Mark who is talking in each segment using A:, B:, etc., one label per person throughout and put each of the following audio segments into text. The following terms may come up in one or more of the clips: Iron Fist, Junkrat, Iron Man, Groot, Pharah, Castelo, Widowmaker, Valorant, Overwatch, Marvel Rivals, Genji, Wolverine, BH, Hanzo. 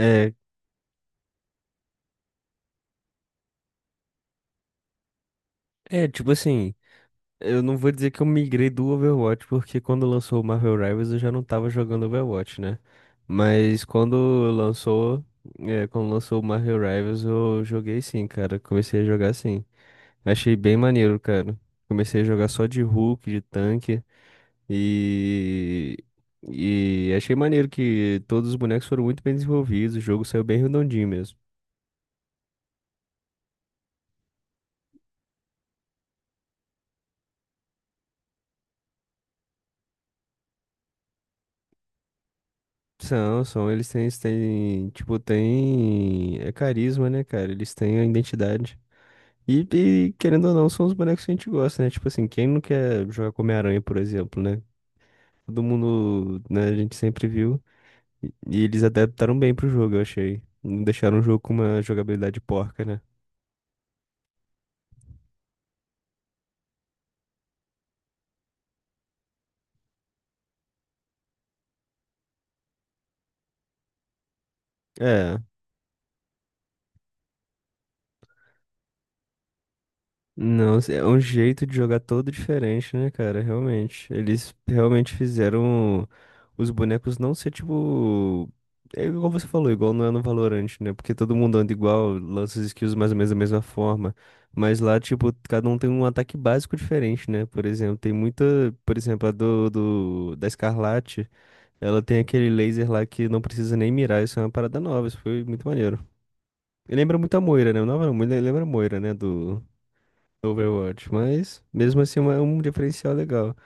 A: É, é, tipo assim, eu não vou dizer que eu migrei do Overwatch, porque quando lançou o Marvel Rivals eu já não tava jogando Overwatch, né? Mas lançou, quando lançou o Marvel Rivals eu joguei sim, cara. Comecei a jogar sim. Achei bem maneiro, cara. Comecei a jogar só de Hulk, de tanque e. E achei maneiro que todos os bonecos foram muito bem desenvolvidos, o jogo saiu bem redondinho mesmo. São, eles têm, tipo, têm carisma, né, cara? Eles têm a identidade. E, querendo ou não, são os bonecos que a gente gosta, né? Tipo assim, quem não quer jogar com Homem-Aranha, por exemplo, né? Todo mundo, né, a gente sempre viu. E eles adaptaram bem pro jogo, eu achei. Não deixaram o jogo com uma jogabilidade porca, né? É, não, é um jeito de jogar todo diferente, né, cara? Realmente. Eles realmente fizeram os bonecos não ser tipo. É igual você falou, igual não é no Valorant, né? Porque todo mundo anda igual, lança as skills mais ou menos da mesma forma. Mas lá, tipo, cada um tem um ataque básico diferente, né? Por exemplo, tem muita. Por exemplo, a da Escarlate, ela tem aquele laser lá que não precisa nem mirar. Isso é uma parada nova, isso foi muito maneiro. E lembra muito a Moira, né? Não, não, lembra a Moira, né? Do Overwatch, mas mesmo assim é é um diferencial legal.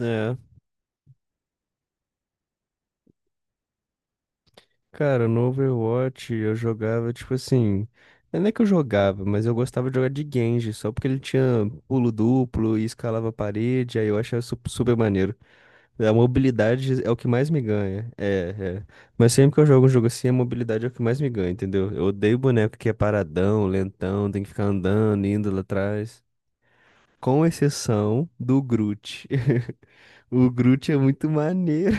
A: É, cara, no Overwatch eu jogava tipo assim. Não é que eu jogava, mas eu gostava de jogar de Genji, só porque ele tinha pulo duplo e escalava a parede, aí eu achava super maneiro. A mobilidade é o que mais me ganha. É, é. Mas sempre que eu jogo um jogo assim, a mobilidade é o que mais me ganha, entendeu? Eu odeio boneco que é paradão, lentão, tem que ficar andando, indo lá atrás. Com exceção do Groot. O Groot é muito maneiro.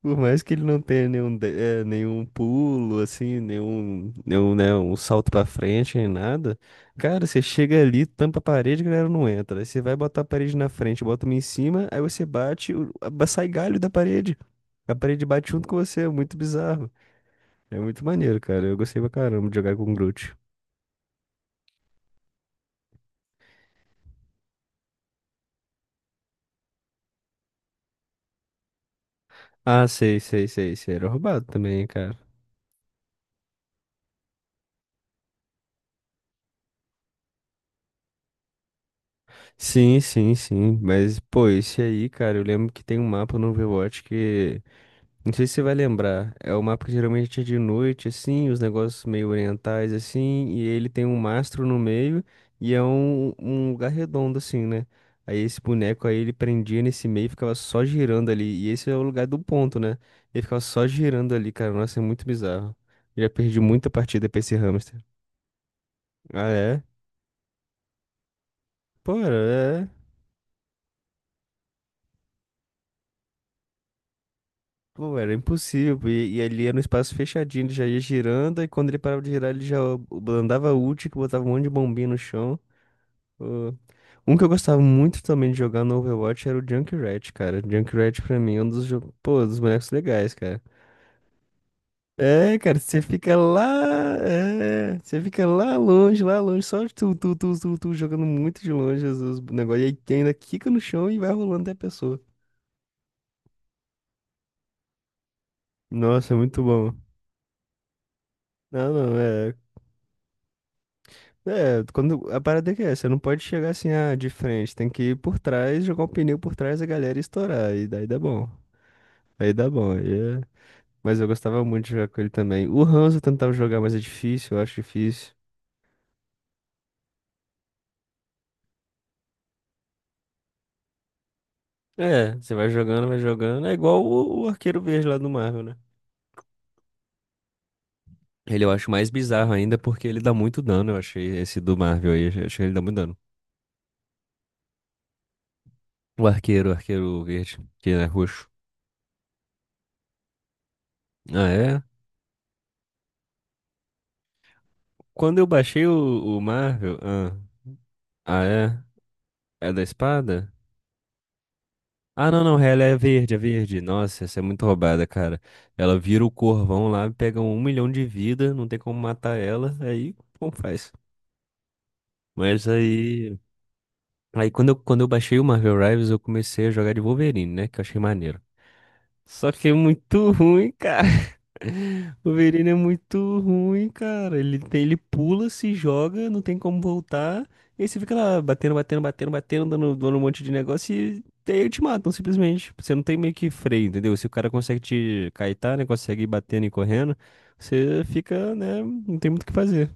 A: Por mais que ele não tenha nenhum, nenhum pulo, assim, nenhum, né, um salto pra frente, nem nada. Cara, você chega ali, tampa a parede, a galera não entra. Aí você vai botar a parede na frente, bota uma em cima, aí você bate, sai galho da parede. A parede bate junto com você, é muito bizarro. É muito maneiro, cara. Eu gostei pra caramba de jogar com o Groot. Ah, sei, sei, sei, sei. Era roubado também, cara. Sim, sim, sim. Mas, pô, esse aí, cara, eu lembro que tem um mapa no Overwatch que. Não sei se você vai lembrar. É o mapa que geralmente é de noite, assim, os negócios meio orientais, assim, e ele tem um mastro no meio e é um, um lugar redondo, assim, né? Aí esse boneco aí ele prendia nesse meio e ficava só girando ali. E esse é o lugar do ponto, né? Ele ficava só girando ali, cara. Nossa, é muito bizarro. Já perdi muita partida pra esse hamster. Ah, é? Pô, era, é. Pô, era impossível. E ali era um espaço fechadinho, ele já ia girando, e quando ele parava de girar, ele já andava ult, que botava um monte de bombinha no chão. Uh, Um que eu gostava muito também de jogar no Overwatch era o Junkrat, cara. Junkrat pra mim é um dos, pô, dos bonecos legais, cara. É, cara, você fica lá, é, você fica lá longe, só tu, tu, tu, tu, tu, jogando muito de longe os negócios, e aí tem ainda quica no chão e vai rolando até a pessoa. Nossa, é muito bom. Não, não, é, é, quando, a parada é que é, você não pode chegar assim, ah, de frente, tem que ir por trás, jogar o pneu por trás, a galera e estourar, e daí dá bom, aí é. Mas eu gostava muito de jogar com ele também. O Hanzo eu tentava jogar, mas é difícil, eu acho difícil. É, você vai jogando, vai jogando. É igual o Arqueiro Verde lá do Marvel, né? Ele eu acho mais bizarro ainda porque ele dá muito dano, eu achei esse do Marvel aí. Eu achei que ele dá muito dano. O Arqueiro Verde, que é roxo. Ah, é? Quando eu baixei o Marvel. Ah, ah, é? É da espada? Ah, não, não, ela é verde, é verde. Nossa, essa é muito roubada, cara. Ela vira o corvão lá, pega um milhão de vida, não tem como matar ela, aí como faz? Mas aí. Aí quando eu baixei o Marvel Rivals, eu comecei a jogar de Wolverine, né? Que eu achei maneiro. Só que é muito ruim, cara. O Verino é muito ruim, cara. Ele tem, ele pula, se joga, não tem como voltar. E aí você fica lá batendo, batendo, batendo, batendo, dando, dando um monte de negócio e aí te matam simplesmente. Você não tem meio que freio, entendeu? Se o cara consegue te caetar, né? Consegue ir batendo e correndo, você fica, né? Não tem muito o que fazer.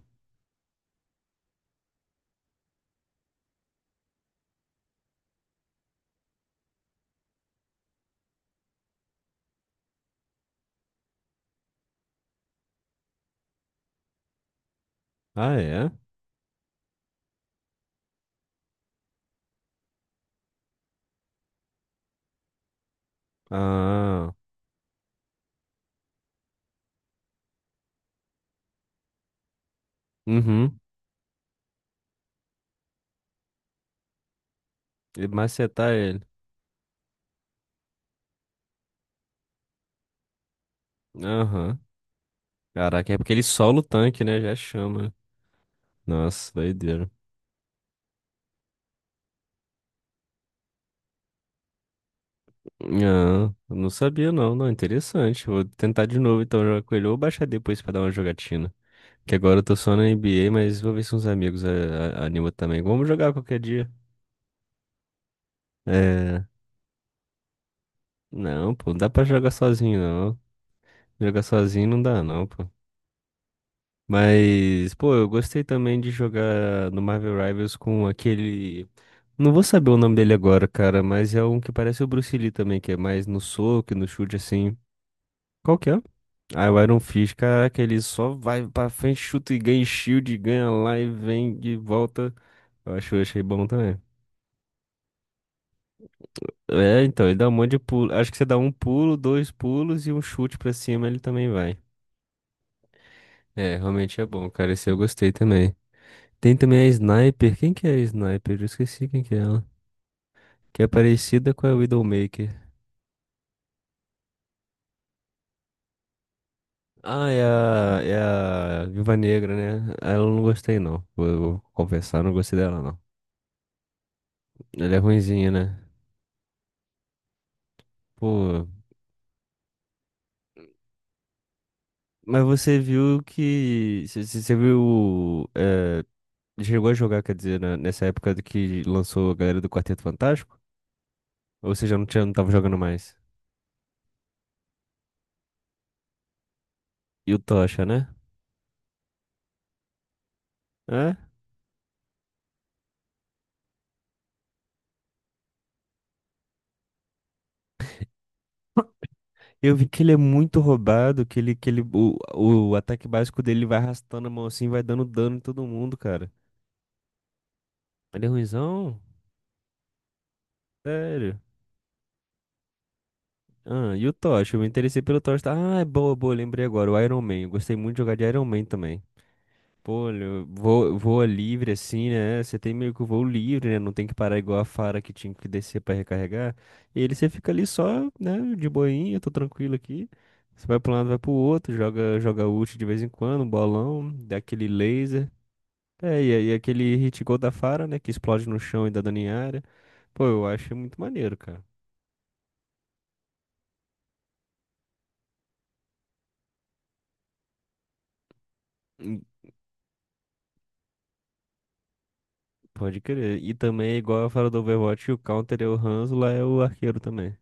A: Ah, é? Ah, uhum. E macetar ele. Aham. Caraca, é porque ele sola o tanque, né? Já chama. Nossa, doideira. Ah, não sabia não, não, interessante. Vou tentar de novo então jogar com ele ou baixar depois pra dar uma jogatina. Que agora eu tô só na NBA, mas vou ver se uns amigos animam também. Vamos jogar qualquer dia. É, não, pô, não dá pra jogar sozinho não. Jogar sozinho não dá não, pô. Mas, pô, eu gostei também de jogar no Marvel Rivals com aquele. Não vou saber o nome dele agora, cara, mas é um que parece o Bruce Lee também, que é mais no soco e no chute assim. Qual que é? Ah, o Iron Fist, caraca, ele só vai pra frente, chuta e ganha shield, ganha lá e vem de volta. Eu acho, eu achei bom também. É, então, ele dá um monte de pulo. Acho que você dá um pulo, dois pulos e um chute pra cima, ele também vai. É, realmente é bom, cara. Esse eu gostei também. Tem também a Sniper. Quem que é a Sniper? Eu esqueci quem que é ela. Que é parecida com a Widowmaker. Ah, é a, é a Viúva Negra, né? Ela eu não gostei, não. Vou confessar, não gostei dela, não. Ela é ruinzinha, né? Pô, mas você viu que. Você viu. Chegou a jogar, quer dizer, nessa época do que lançou a galera do Quarteto Fantástico? Ou você já não, tinha, não tava jogando mais? E o Tocha, né? É? Eu vi que ele é muito roubado, que ele, o, ataque básico dele vai arrastando a mão assim, vai dando dano em todo mundo, cara. Ele é ruinzão? Sério? Ah, e o Tocha? Eu me interessei pelo Tocha. Tá? Ah, é boa, boa, lembrei agora. O Iron Man. Eu gostei muito de jogar de Iron Man também. Pô, olha, eu vou, voa livre assim, né? Você tem meio que o voo livre, né? Não tem que parar igual a Fara que tinha que descer pra recarregar. E ele você fica ali só, né? De boinha, tô tranquilo aqui. Você vai pra um lado, vai pro outro, joga, joga ult de vez em quando, um bolão, dá aquele laser. É, e, aí aquele hit gold da Fara, né? Que explode no chão e dá dano em área. Pô, eu acho muito maneiro, cara. Hum, Pode crer. E também, é igual a Fara do Overwatch, o counter é o Hanzo, lá é o arqueiro também.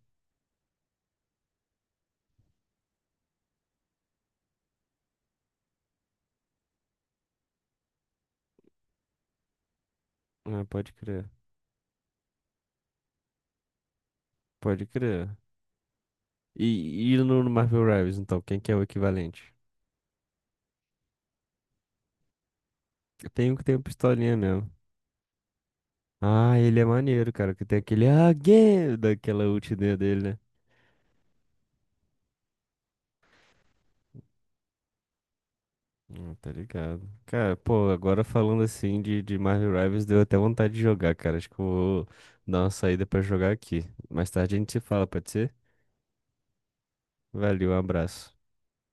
A: Ah, pode crer. Pode crer. E no Marvel Rivals, então, quem que é o equivalente? Tem um que tem uma pistolinha mesmo. Ah, ele é maneiro, cara, que tem aquele again daquela ult dele, né? Tá ligado. Cara, pô, agora falando assim de Marvel Rivals, deu até vontade de jogar, cara. Acho que eu vou dar uma saída pra jogar aqui. Mais tarde a gente se fala, pode ser? Valeu, um abraço.